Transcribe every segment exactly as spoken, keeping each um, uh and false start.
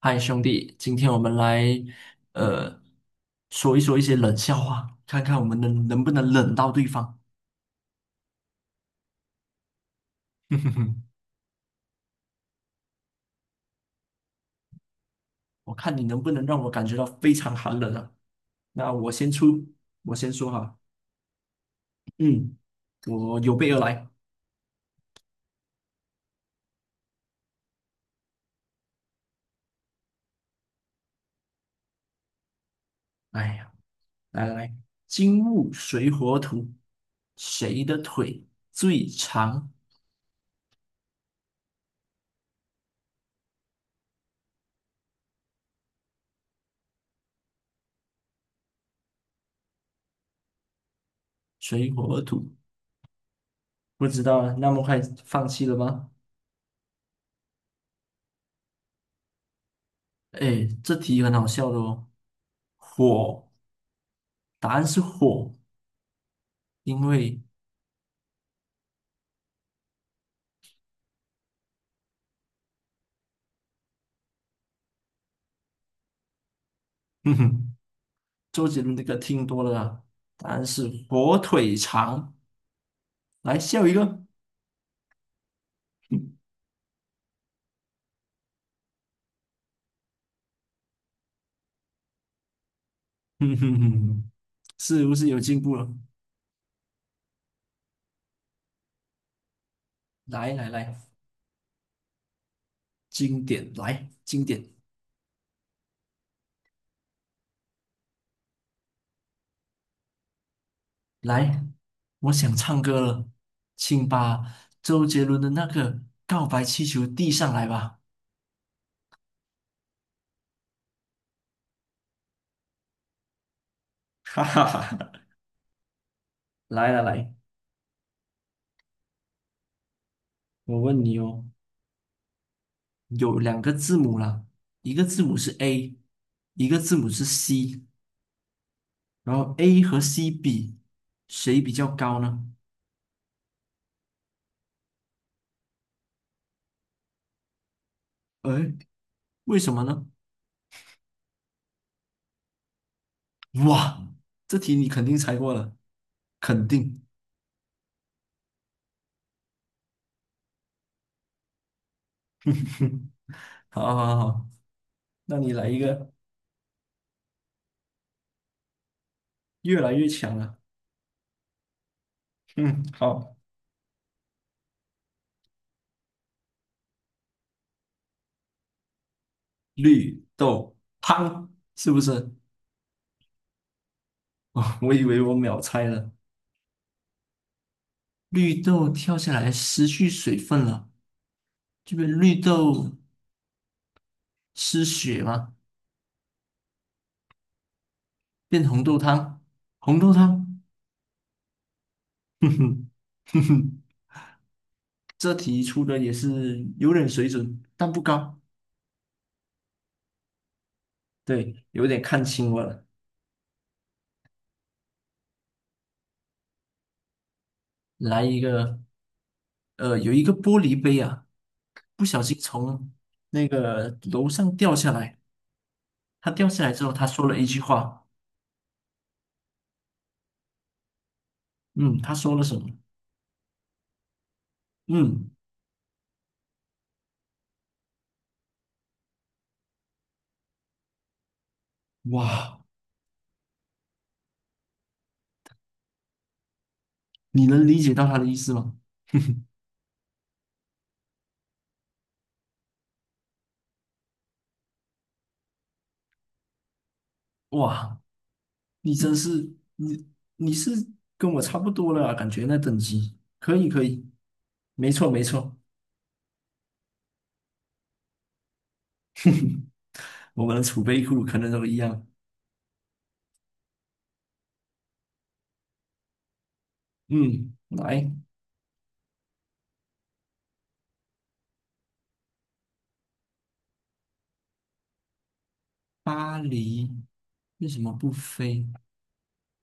嗨，兄弟，今天我们来呃说一说一些冷笑话，看看我们能能不能冷到对方。哼哼哼，我看你能不能让我感觉到非常寒冷啊！那我先出，我先说哈，嗯，我有备而来。哎呀，来来来，金木水火土，谁的腿最长？水火土，不知道啊，那么快放弃了吗？哎，这题很好笑的哦。火，答案是火。因为哼哼，周杰伦的歌听多了啊，答案是火腿肠。来笑一个，哼哼哼，是不是有进步了？来来来，经典来经典来，我想唱歌了，请把周杰伦的那个《告白气球》递上来吧。哈哈哈，来来来，我问你哦，有两个字母啦，一个字母是 A，一个字母是 C，然后 A 和 C 比，谁比较高呢？哎，为什么呢？哇，这题你肯定猜过了，肯定。好好好，好那你来一个越来越强了。嗯，好，绿豆汤是不是？哦，我以为我秒猜了。绿豆跳下来失去水分了，这边绿豆失血嘛，变红豆汤，红豆汤，哼哼哼哼，这题出的也是有点水准，但不高。对，有点看清我了。来一个，呃，有一个玻璃杯啊，不小心从那个楼上掉下来。他掉下来之后，他说了一句话，嗯，他说了什么？嗯，哇，你能理解到他的意思吗？哇，你真是，你你是跟我差不多了啊，感觉那等级，可以可以，没错没错，我们的储备库可能都一样。嗯，来，巴黎为什么不飞？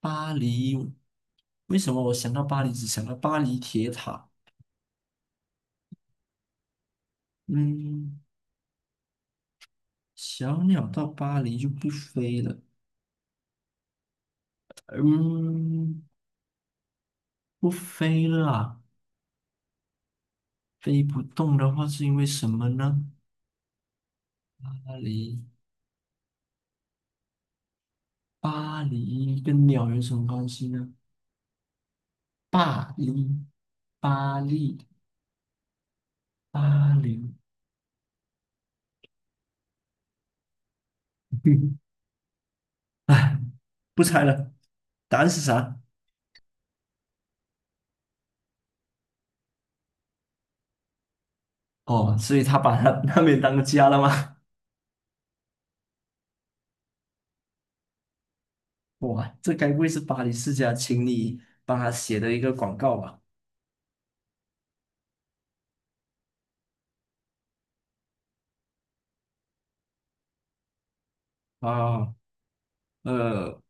巴黎，为什么我想到巴黎只想到巴黎铁塔？嗯，小鸟到巴黎就不飞了。嗯，不飞了啊飞不动的话是因为什么呢？巴黎，巴黎跟鸟有什么关系呢？巴黎，巴黎，巴黎。哎，不猜了，答案是啥？哦，所以他把他那边当个家了吗？哇，这该不会是巴黎世家请你帮他写的一个广告吧？啊，呃，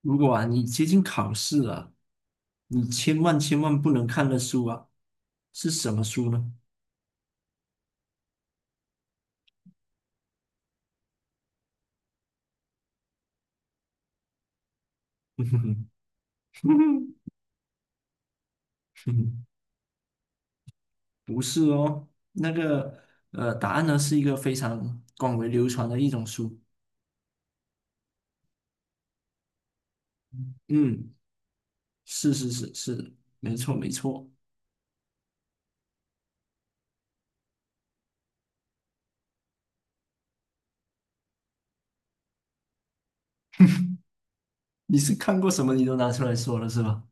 如果啊你接近考试了，你千万千万不能看的书啊，是什么书呢？不是哦，那个呃，答案呢是一个非常广为流传的一种书。嗯，是是是是，没错没错。你是看过什么你都拿出来说了是吧？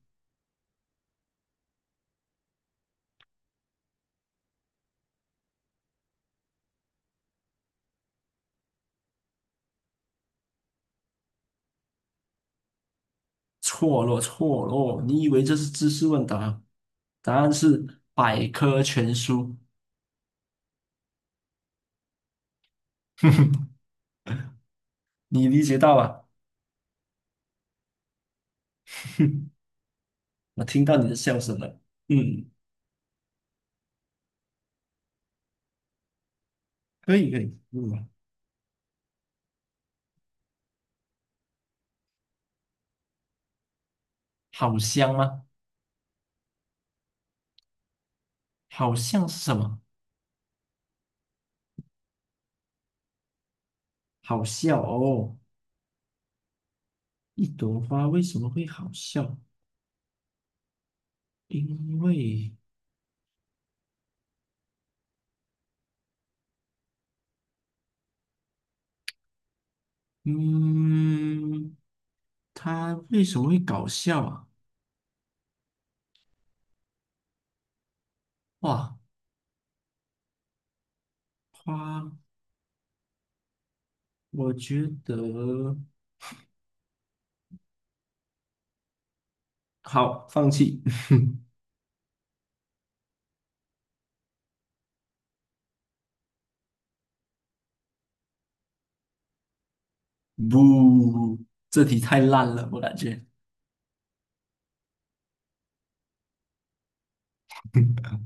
错了，错了，你以为这是知识问答？答案是百科全书。你理解到啊？我听到你的笑声了。嗯，可以可以，嗯，好香吗？好像是什么？好笑哦。一朵花为什么会好笑？因为，嗯，它为什么会搞笑啊？哇，花，我觉得好，放弃。不，这题太烂了，我感觉。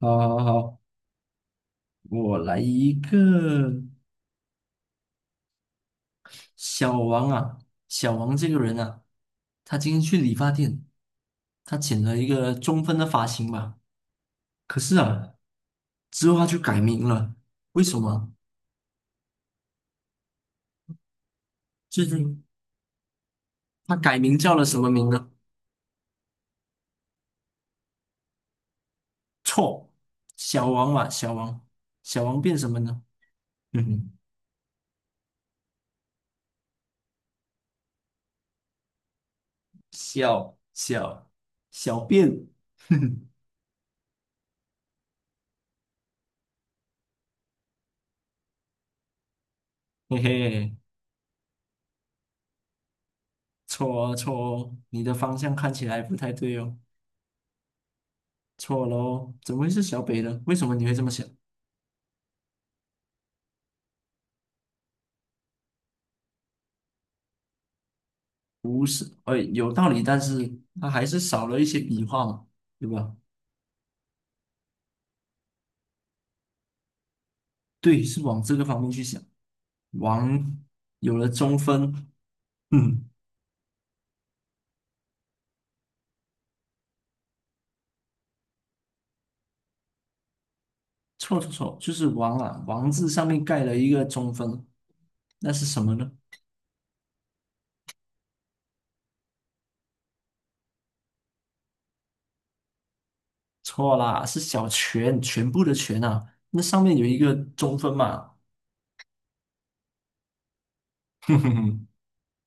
好好好，我来一个小王啊，小王这个人啊，他今天去理发店，他剪了一个中分的发型吧，可是啊，之后他就改名了，为什么？最近他改名叫了什么名呢？错，小王嘛，小王，小王变什么呢？嗯哼，小小小便，嘿嘿。错哦，错哦，你的方向看起来不太对哦，错喽，怎么会是小北呢？为什么你会这么想？不是，呃，有道理，但是它还是少了一些笔画嘛，对吧？对，是往这个方面去想，王有了中分，嗯，错错错，就是王啊，王字上面盖了一个中分，那是什么呢？错啦，是小全，全部的全啊，那上面有一个中分嘛，